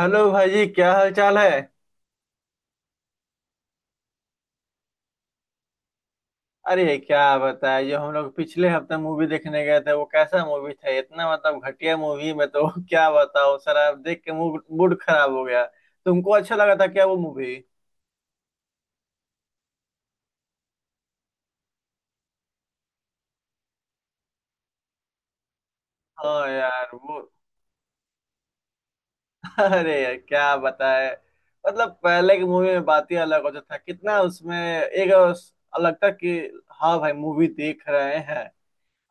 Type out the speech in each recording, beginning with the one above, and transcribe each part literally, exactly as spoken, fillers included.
Hello भाई जी, क्या हाल चाल है? अरे क्या बताए, जो हम लोग पिछले हफ्ते मूवी देखने गए थे वो कैसा मूवी था। इतना मतलब घटिया मूवी में तो क्या बताओ, सारा देख के मूड मूड खराब हो गया। तुमको अच्छा लगा था क्या वो मूवी? हाँ यार, वो अरे यार क्या बताए। मतलब पहले की मूवी में बात ही अलग होता था। कितना उसमें एक अलग था कि हाँ भाई मूवी देख रहे हैं।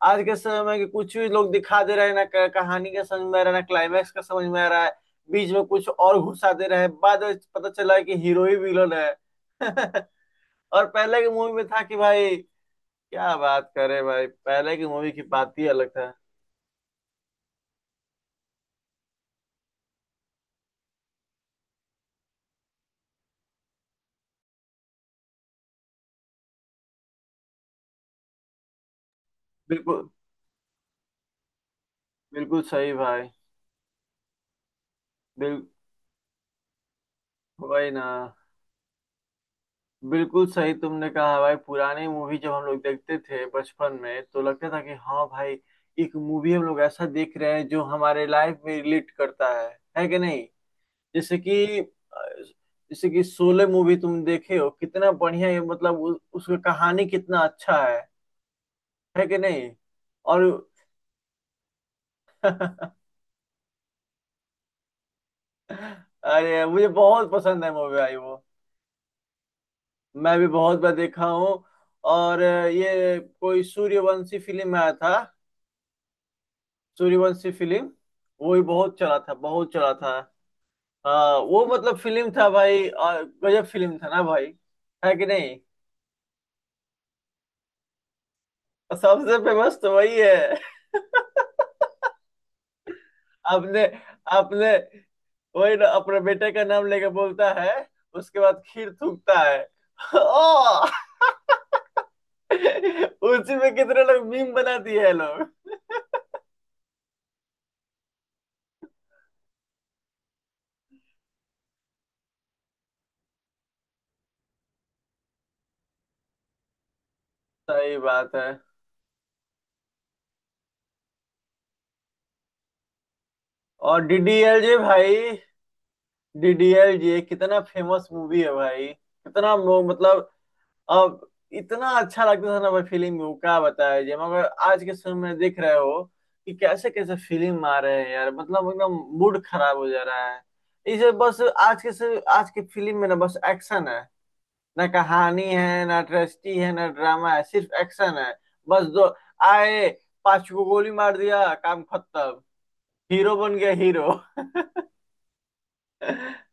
आज के समय के कुछ भी लोग दिखा दे रहे हैं। ना क- कहानी का समझ में आ रहा है ना क्लाइमैक्स का समझ में आ रहा है। बीच में कुछ और घुसा दे रहे हैं, बाद में पता चला है कि हीरो ही विलन है। और पहले की मूवी में था कि भाई क्या बात करे भाई, पहले की मूवी की बात ही अलग था। बिल्कुल। बिल्कुल सही भाई। बिल वही ना। बिल्कुल सही तुमने कहा भाई। पुरानी मूवी जब हम लोग देखते थे बचपन में तो लगता था कि हाँ भाई, एक मूवी हम लोग ऐसा देख रहे हैं जो हमारे लाइफ में रिलेट करता है। है कि नहीं? जैसे कि अ, जैसे कि शोले मूवी तुम देखे हो। कितना बढ़िया है, मतलब उ, उसका कहानी कितना अच्छा है। है कि नहीं? और अरे मुझे बहुत पसंद है मूवी, आई वो। मैं भी बहुत बार देखा हूँ। और अ, ये कोई सूर्यवंशी फिल्म में आया था। सूर्यवंशी फिल्म। वो भी बहुत चला था, बहुत चला था। हाँ वो मतलब फिल्म था भाई, और गजब फिल्म था ना भाई। है कि नहीं? और सबसे फेमस तो वही है। आपने आपने वही ना, अपने बेटे का नाम लेके बोलता है। उसके बाद खीर थूकता है। ओ, उसी में कितने लोग मीम बना दिए हैं लोग। सही बात है। और डी डी एल जे भाई। डी डी एल जे कितना फेमस मूवी है भाई। कितना मो- मतलब अब। इतना अच्छा लगता था ना भाई फिल्म में, वो क्या बताया जी। मगर आज के समय में देख रहे हो कि कैसे कैसे फिल्म आ रहे हैं यार, मतलब एकदम मूड खराब हो जा रहा है। इसे बस आज के से आज की फिल्म में ना बस एक्शन है, ना कहानी है, ना ट्रेस्टी है, ना ड्रामा है, सिर्फ एक्शन है। बस दो आए, पांच को गोली मार दिया, काम खत्म। हीरो बन गया हीरो।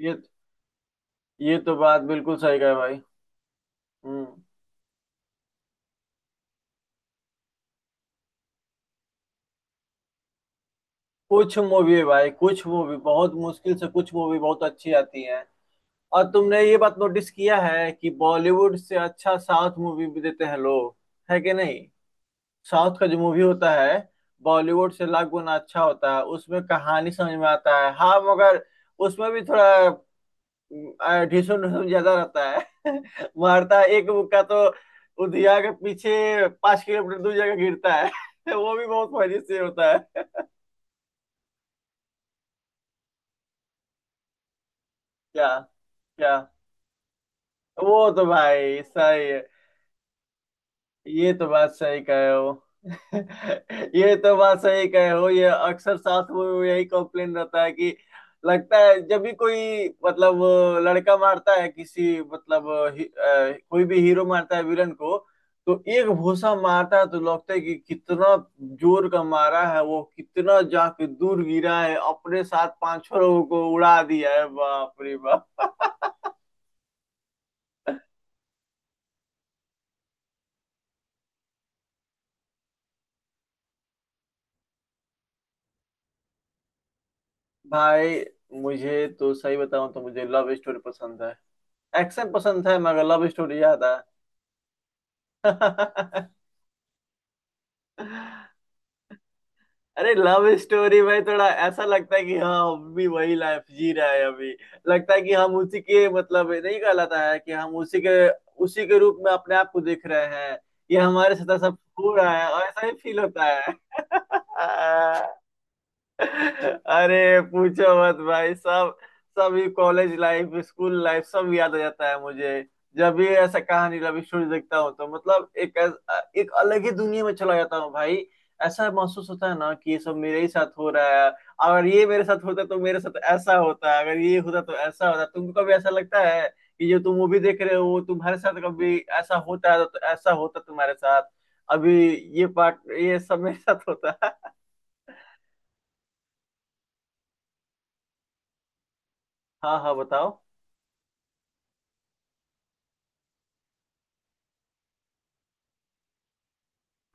ये ये तो बात बिल्कुल सही कहे भाई। हम्म कुछ मूवी भाई, कुछ मूवी बहुत मुश्किल से, कुछ मूवी बहुत अच्छी आती है। और तुमने ये बात नोटिस किया है कि बॉलीवुड से अच्छा साउथ मूवी भी देते हैं लोग। है कि नहीं? साउथ का जो मूवी होता है बॉलीवुड से लाख गुना अच्छा होता है। उसमें कहानी समझ में आता है। हाँ मगर उसमें भी थोड़ा अ, ढिसुम ढुसुम ज्यादा रहता है। मारता है एक मुक्का तो उधिया के पीछे पांच किलोमीटर दूर जगह गिरता है। वो भी बहुत मजे से होता है। क्या? क्या? वो तो भाई सही है। ये तो बात सही कहे हो। ये तो बात सही कहे हो, ये अक्सर साथ में यही कंप्लेन रहता है कि लगता है, जब भी कोई मतलब लड़का मारता है किसी मतलब हि, अ, कोई भी हीरो मारता है विलन को। तो एक भूसा मारता है तो लगता है कि कितना जोर का मारा है, वो कितना जाके दूर गिरा है, अपने साथ पांचों लोगों को उड़ा दिया है। बाप रे बाप। भाई मुझे तो सही बताऊं तो मुझे लव स्टोरी पसंद है। एक्शन पसंद है, मगर लव स्टोरी ज्यादा है। अरे लव स्टोरी में थोड़ा ऐसा लगता है कि हाँ हम भी वही लाइफ जी रहे हैं अभी। लगता है कि हम उसी के, मतलब नहीं कहलाता है कि हम उसी के उसी के रूप में अपने आप को देख रहे हैं। ये हमारे साथ सब हो रहा है और ऐसा ही फील होता है। अरे पूछो मत भाई, सब सभी कॉलेज लाइफ स्कूल लाइफ सब याद आ जाता है मुझे। जब भी ऐसा कहानी रवि सूर्य देखता हूँ तो मतलब एक एक अलग ही दुनिया में चला जाता हूँ भाई। ऐसा महसूस होता है ना कि ये सब मेरे ही साथ हो रहा है। अगर ये मेरे साथ होता तो मेरे साथ ऐसा होता, अगर ये होता तो ऐसा होता। तुमको कभी ऐसा लगता है कि जो तुम मूवी देख रहे हो वो तुम्हारे साथ कभी ऐसा होता है? तो ऐसा होता तुम्हारे साथ अभी। ये पार्ट, ये सब मेरे साथ होता है। हाँ, हाँ, बताओ।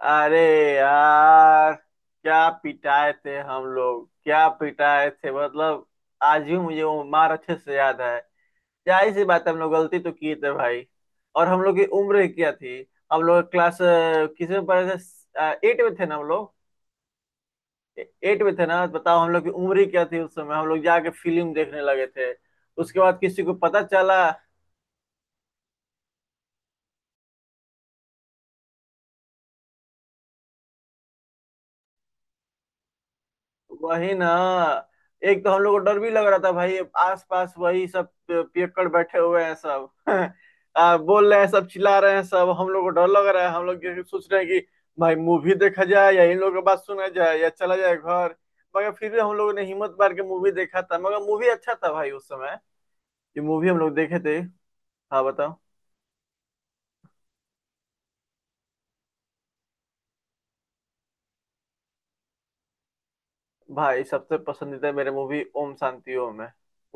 अरे यार क्या पिटाए थे हम लोग, क्या पिटाए थे मतलब। आज भी मुझे वो मार अच्छे से याद है। जाहिर सी बात है, हम लोग गलती तो किए थे भाई। और हम लोग की उम्र क्या थी? हम लोग क्लास किसी में पढ़े थे, एट में थे ना हम लोग। एट में थे ना, बताओ। हम लोग की उम्र ही क्या थी? उस समय हम लोग जाके फिल्म देखने लगे थे। उसके बाद किसी को पता चला। वही ना। एक तो हम लोग को डर भी लग रहा था भाई, आस पास वही सब पे- पियक्कड़ बैठे हुए हैं सब। आ, बोल रहे हैं सब, चिल्ला रहे हैं सब, हम लोग को डर लग रहा है। हम लोग ये सोच रहे हैं कि भाई मूवी देखा जाए या इन लोगों की बात सुना जाए या चला जाए घर। मगर फिर भी हम लोगों ने हिम्मत मार के मूवी देखा था। मगर मूवी अच्छा था भाई उस समय। ये मूवी हम लोग देखे थे। हाँ बताओ। भाई सबसे पसंदीदा मेरे मूवी ओम शांति ओम है।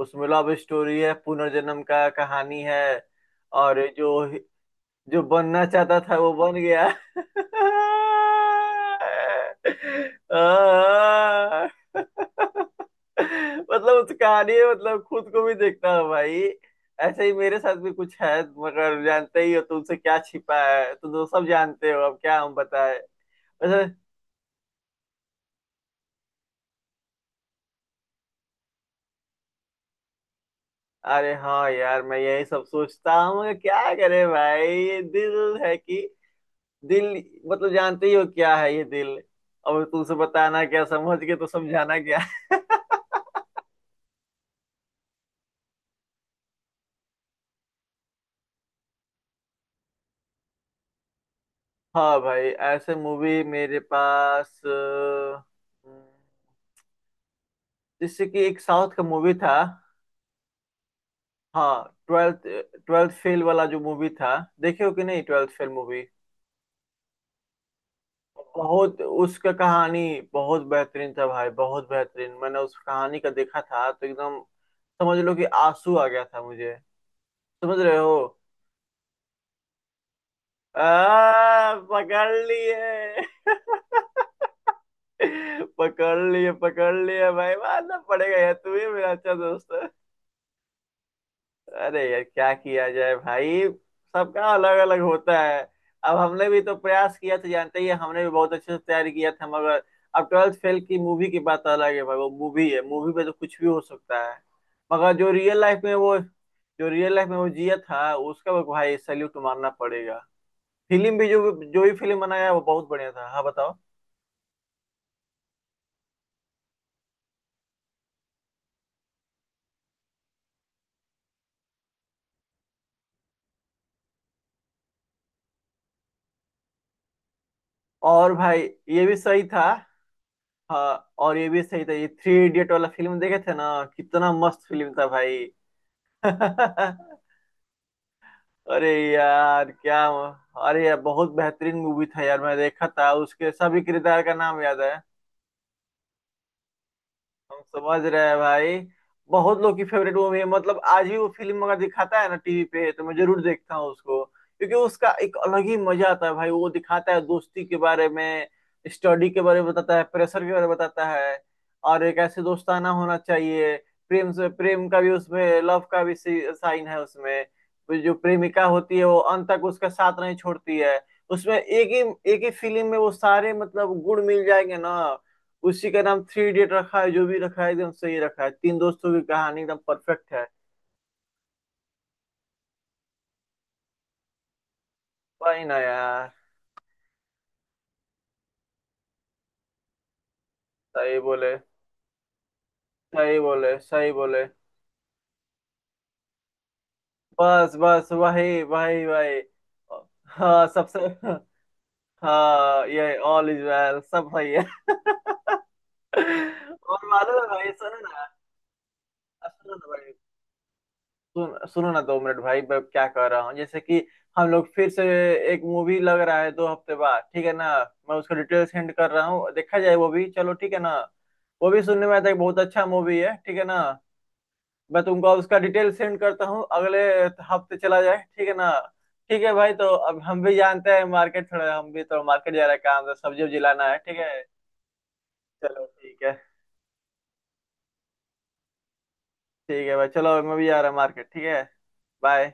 उसमें लव स्टोरी है, पुनर्जन्म का कहानी है। और जो जो बनना चाहता था वो बन गया। आह। मतलब उस कहानी में मतलब खुद को भी देखता हूँ भाई। ऐसे ही मेरे साथ भी कुछ है, मगर जानते ही हो, तुमसे क्या छिपा है। तुम तो सब जानते हो, अब क्या हम बताए। वैसे। अरे हाँ यार, मैं यही सब सोचता हूँ मगर क्या करे भाई, दिल है कि दिल। मतलब जानते ही हो क्या है ये दिल। अब तुमसे बताना क्या, समझ के तो समझाना क्या। हाँ भाई ऐसे मूवी मेरे पास अ, हम्म, जैसे कि एक साउथ का मूवी था। हाँ ट्वेल्थ ट्वेल्थ फेल वाला जो मूवी था। देखे हो कि नहीं ट्वेल्थ फेल मूवी? बहुत उसका कहानी बहुत बेहतरीन था भाई, बहुत बेहतरीन। मैंने उस कहानी का देखा था तो एकदम, समझ लो कि आंसू आ गया था मुझे। समझ रहे हो? आ, पकड़ लिए। पकड़ लिए, पकड़ लिए भाई। मानना पड़ेगा यार, तू ही मेरा अच्छा दोस्त है। अरे यार क्या किया जाए भाई, सबका अलग अलग होता है। अब हमने भी तो प्रयास किया था, जानते ही हैं, हमने भी बहुत अच्छे से तैयारी किया था मगर। अब ट्वेल्थ फेल की मूवी की बात अलग है भाई। वो मूवी है, मूवी पे तो कुछ भी हो सकता है। मगर जो रियल लाइफ में वो, जो रियल लाइफ में वो जिया था, उसका भाई सैल्यूट मारना पड़ेगा। फिल्म भी जो जो भी फिल्म बनाया वो बहुत बढ़िया था। हाँ बताओ। और भाई, ये भी सही था। हाँ, और ये भी सही था। ये थ्री इडियट वाला फिल्म देखे थे ना, कितना मस्त फिल्म था भाई। अरे यार क्या अरे यार बहुत बेहतरीन मूवी था यार। मैं देखा था, उसके सभी किरदार का नाम याद है। हम समझ रहे हैं भाई। बहुत लोग की फेवरेट मूवी है, मतलब आज भी वो फिल्म अगर दिखाता है ना टी वी पे तो मैं जरूर देखता हूँ उसको, क्योंकि उसका एक अलग ही मजा आता है भाई। वो दिखाता है दोस्ती के बारे में, स्टडी के बारे में बताता है, प्रेशर के बारे में बताता है। और एक ऐसे दोस्ताना होना चाहिए। प्रेम से, प्रेम का भी उसमें, लव का भी साइन है उसमें। वो जो प्रेमिका होती है वो अंत तक उसका साथ नहीं छोड़ती है। उसमें एक ही एक ही फिल्म में वो सारे मतलब गुण मिल जाएंगे ना। उसी का नाम थ्री इडियट रखा है, जो भी रखा है एकदम सही रखा है। तीन दोस्तों की कहानी एकदम परफेक्ट है। वही ना यार। सही बोले, सही बोले, सही बोले। बस, बस, वही, वही, वही। हाँ, सबसे। हाँ, ये ऑल इज वेल सब सही है। और मालूम है भाई, सुनो ना, सुनो ना भाई। सुन सुनो ना दो मिनट भाई, मैं क्या कह रहा हूँ, जैसे कि हम लोग फिर से एक मूवी लग रहा है दो हफ्ते बाद, ठीक है ना? मैं उसका डिटेल सेंड कर रहा हूँ, देखा जाए वो भी, चलो ठीक है ना। वो भी सुनने में आता है कि बहुत अच्छा मूवी है, ठीक है ना? मैं तुमको उसका डिटेल सेंड करता हूँ, अगले हफ्ते चला जाए, ठीक है ना? ठीक है भाई, तो अब हम भी जानते हैं, मार्केट थोड़ा, हम भी तो मार्केट जा रहे हैं, काम तो सब्जी उब्जी लाना है। ठीक है। चलो ठीक है। ठीक है भाई, चलो मैं भी जा रहा हूँ मार्केट। ठीक है। बाय।